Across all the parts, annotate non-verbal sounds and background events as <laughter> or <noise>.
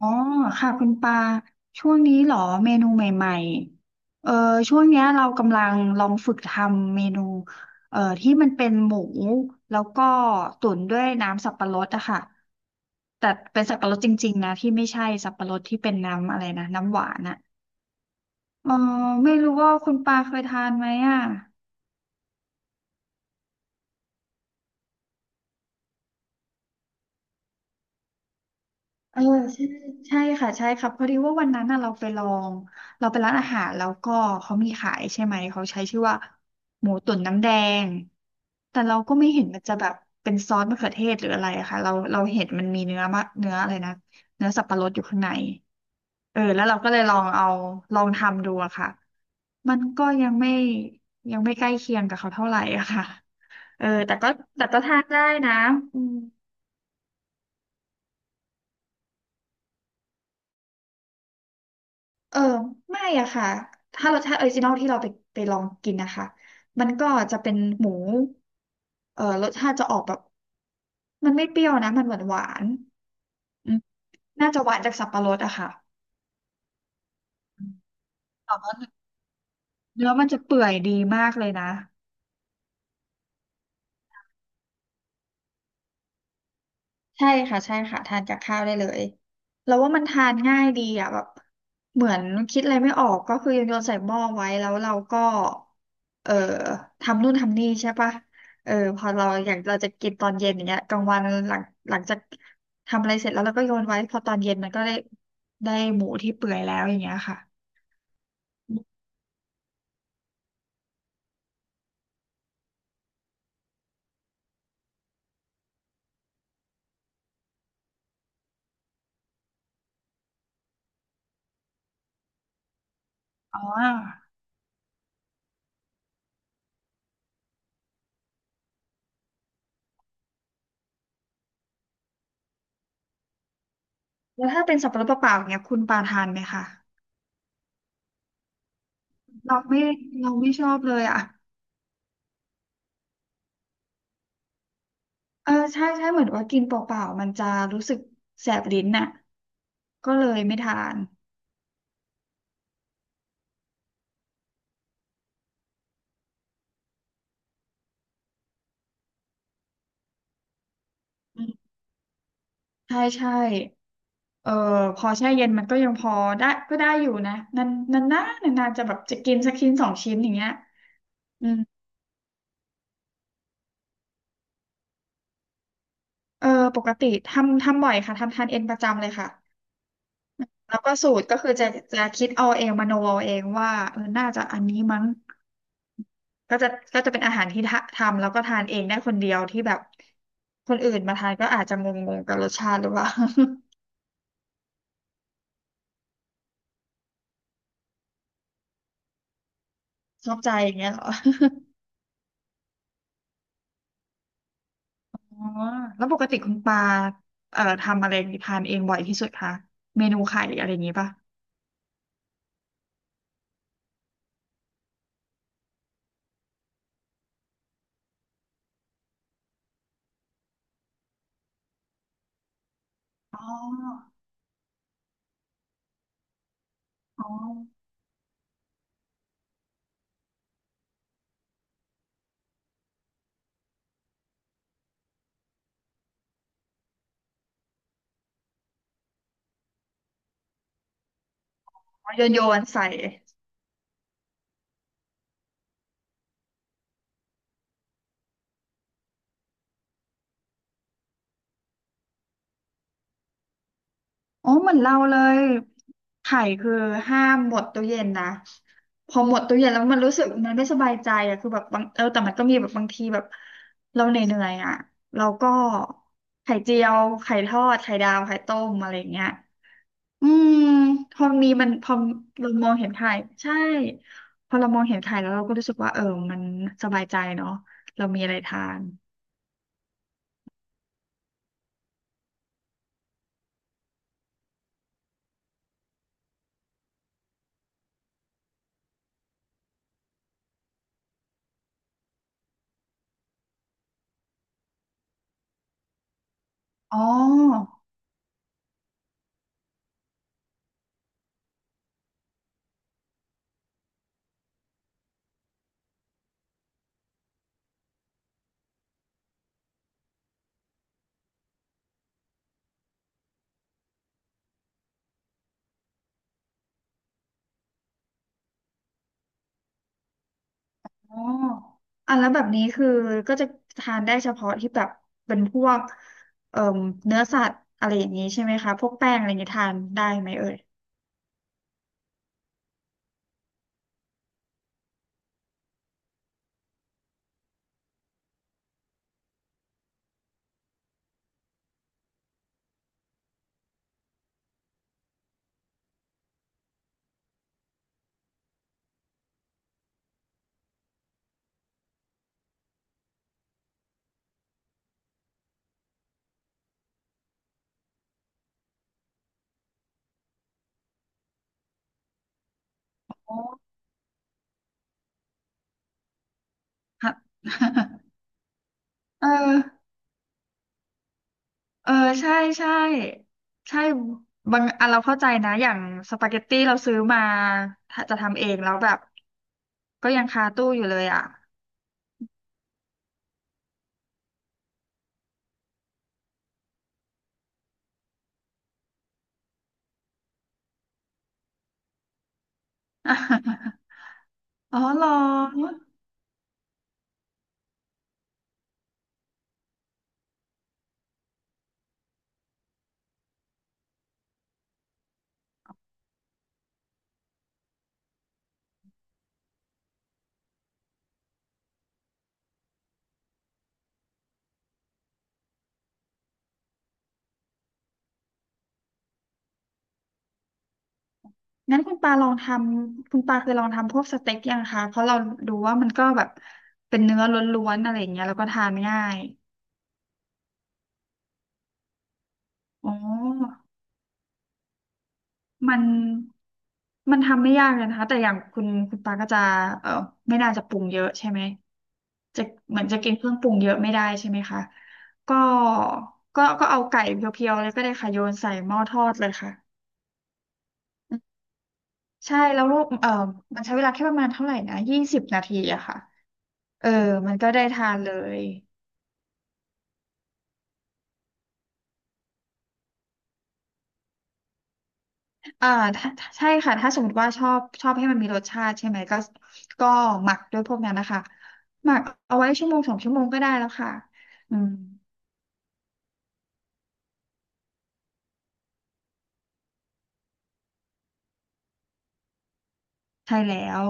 อ๋อค่ะคุณปาช่วงนี้เหรอเมนูใหม่ๆช่วงเนี้ยเรากำลังลองฝึกทำเมนูที่มันเป็นหมูแล้วก็ตุ๋นด้วยน้ำสับปะรดอะค่ะแต่เป็นสับปะรดจริงๆนะที่ไม่ใช่สับปะรดที่เป็นน้ำอะไรนะน้ำหวานอะเออไม่รู้ว่าคุณปาเคยทานไหมอะ เออใช่ใช่ค่ะใช่ครับพอดีว่าวันนั้นน่ะงเราไปร้านอาหารแล้วก็เขามีขายใช่ไหมเขาใช้ชื่อว่าหมูตุ๋นน้ำแดงแต่เราก็ไม่เห็นมันจะแบบเป็นซอสมะเขือเทศหรืออะไรอะค่ะเราเห็นมันมีเนื้ออะไรนะเนื้อสับปะรดอยู่ข้างในแล้วเราก็เลยลองทำดูอะค่ะมันก็ยังไม่ใกล้เคียงกับเขาเท่าไหร่อะค่ะเออแต่ก็แต่ก็ทานได้นะอืม เออไม่อะค่ะถ้าเราถ้าออริจินอลที่เราไปลองกินนะคะมันก็จะเป็นหมูรสชาติจะออกแบบมันไม่เปรี้ยวนะมันหวานหวานอืมน่าจะหวานจากสับปะรดอะค่ะแต่ว่าเนื้อมันจะเปื่อยดีมากเลยนะ ใช่ค่ะใช่ค่ะทานกับข้าวได้เลยแล้วว่ามันทานง่ายดีอ่ะแบบเหมือนคิดอะไรไม่ออกก็คือโยนใส่หม้อไว้แล้วเราก็เอ่อทำนู่นทำนี่ใช่ปะพอเราอยากเราจะกินตอนเย็นอย่างเงี้ยกลางวันหลังหลังจากทำอะไรเสร็จแล้วเราก็โยนไว้พอตอนเย็นมันก็ได้ได้หมูที่เปื่อยแล้วอย่างเงี้ยค่ะอ๋อแล้วถ้าเป็นสับปะรดเปล่าๆอย่างเงี้ยคุณปาทานไหมคะเราไม่เราไม่ชอบเลยอ่ะ เออใช่ใช่เหมือนว่ากินเปล่าๆมันจะรู้สึกแสบลิ้นน่ะก็เลยไม่ทานอืมใช่ใช่เออพอแช่เย็นมันก็ยังพอได้ก็ได้อยู่นะนานนานนานนานๆจะแบบจะกินสักชิ้น2 ชิ้นอย่างเงี้ยอืมเออปกติทำบ่อยค่ะทำทานเองประจำเลยค่ะแล้วก็สูตรก็คือจะคิดเอาเองมโนเอาเองว่าน่าจะอันนี้มั้ง ก็จะก็จะเป็นอาหารที่ทำแล้วก็ทานเองได้คนเดียวที่แบบคนอื่นมาทานก็อาจจะงงๆกับรสชาติหรือเปล่า <laughs> ชอบใจอย่างเงี้ยเหรอ <laughs> อ๋อแล้วปกติคุณปาทำอะไรทานเองบ่อยที่สุดคะเมนูไข่อะไรอย่างงี้ป่ะอ๋ออ๋ออ๋อโยนใส่ อ๋อเหมือนเราเลยไข่คือห้ามหมดตู้เย็นนะพอหมดตู้เย็นแล้วมันรู้สึกมันไม่สบายใจอะคือแบบบางแต่มันก็มีแบบบางทีแบบเราเหนื่อยๆอะเราก็ไข่เจียวไข่ทอดไข่ดาวไข่ต้มอะไรอย่างเงี้ยอืมพอมีมันพอเรามองเห็นไข่ใช่พอเรามองเห็นไข่แล้วเราก็รู้สึกว่ามันสบายใจเนาะเรามีอะไรทานอ๋อ อ๋ออ่ะแล้วแบบนี้คือก็จะทานได้เฉพาะที่แบบเป็นพวกเอ่อเนื้อสัตว์อะไรอย่างนี้ใช่ไหมคะพวกแป้งอะไรอย่างนี้ทานได้ไหมเอ่ยอ๋อฮะ <laughs> เออเออใช่ใช่ใช่บางอันเราเข้าใจนะอย่างสปาเกตตี้เราซื้อมาถ้าจะทำเองแล้วแบบก็ยังคาตู้อยู่เลยอ่ะ <laughs> อ๋อเหรอ งั้นคุณปาเคยลองทำพวกสเต็กยังคะเพราะเราดูว่ามันก็แบบเป็นเนื้อล้วนๆอะไรอย่างเงี้ยแล้วก็ทานง่ายอ๋อมันมันทำไม่ยากเลยนะคะแต่อย่างคุณปาก็จะเออไม่น่าจะปรุงเยอะใช่ไหมจะเหมือนจะกินเครื่องปรุงเยอะไม่ได้ใช่ไหมคะก็ก็เอาไก่เพียวๆเลยก็ได้ค่ะโยนใส่หม้อทอดเลยค่ะใช่แล้วลูกมันใช้เวลาแค่ประมาณเท่าไหร่นะ20 นาทีอะค่ะเออมันก็ได้ทานเลย อ่าถ้าใช่ค่ะถ้าสมมติว่าชอบให้มันมีรสชาติใช่ไหมก็ก็หมักด้วยพวกนั้นนะคะหมักเอาไว้ชั่วโมง2 ชั่วโมงก็ได้แล้วค่ะอืมใช่แล้ว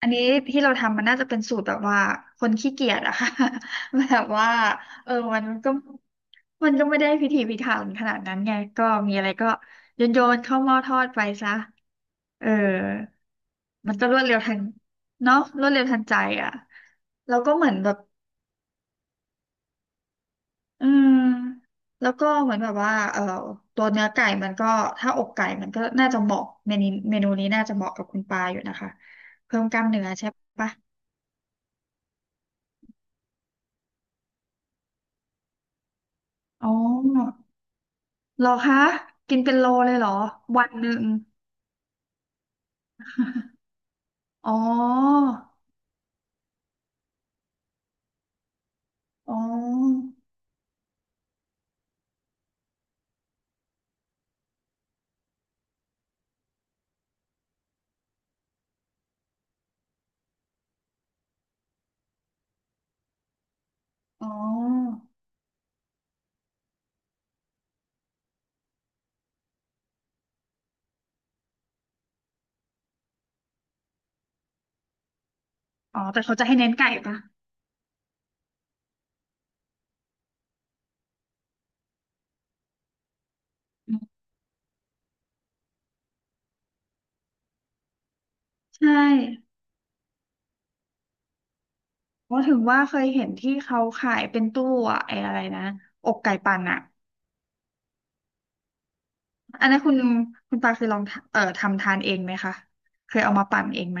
อันนี้ที่เราทำมันน่าจะเป็นสูตรแบบว่าคนขี้เกียจอะค่ะ <laughs> แบบว่าเออมันก็ไม่ได้พิถีพิถันขนาดนั้นไงก็มีอะไรก็โยนเข้าหม้อทอดไปซะเออมันก็รวดเร็วทันเนาะรวดเร็วทันใจอะแล้วก็เหมือนแบบ อืมแล้วก็เหมือนแบบว่าตัวเนื้อไก่มันก็ถ้าอกไก่มันก็น่าจะเหมาะเมนูนี้น่าจะเหมาะกับคุณปาอยู่นะคะเพิ่มกล้ามเนื้อใช่ปะอ๋อเหรอคะกินเป็นโลเลยเหรอวันหนึ่งอ๋ออ๋ออ๋ออ๋อแต่เขาจะให้เน้นไก่ปะอืมใช่เพราะถึงว่าเคยเห็นที่เขาขายเป็นตู้อะไอ้อะไรนะอกไก่ปั่นอะ อันนั้นคุณปาคือลองทำทำทานเองไหมคะเคยเอามาปั่นเองไหม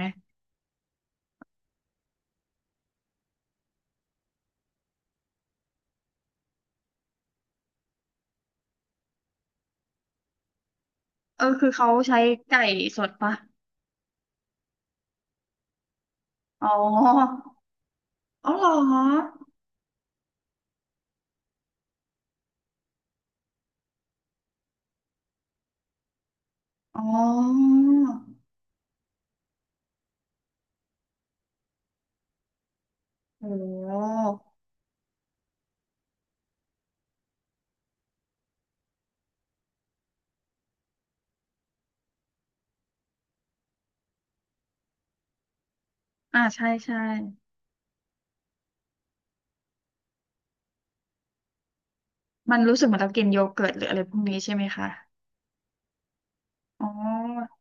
คือเขาใช้ไก่สดปะอ๋ออ๋อเหรออ๋อโอ้อ่าใช่ใช่มันรู้สึกเหมือนเรากินโยเกิร์ตหรืออะไรพวกนี้ใช่ไหมคะอ๋อ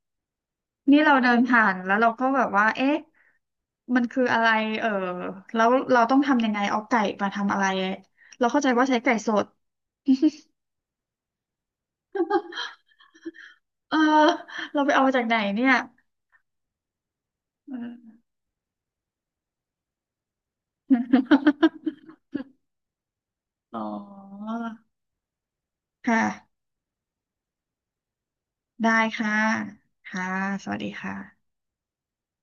นี่เราเดินผ่านแล้วเราก็แบบว่าเอ๊ะมันคืออะไรเออแล้วเราต้องทำยังไงเอาไก่มาทำอะไรเราเข้าใจว่าใช้ไก่สด <laughs> เออเราไปเอามาจากไหนเนี่ยเออ <laughs> อ๋อค่ะได้ค่ะค่ะสวัสดีค่ะ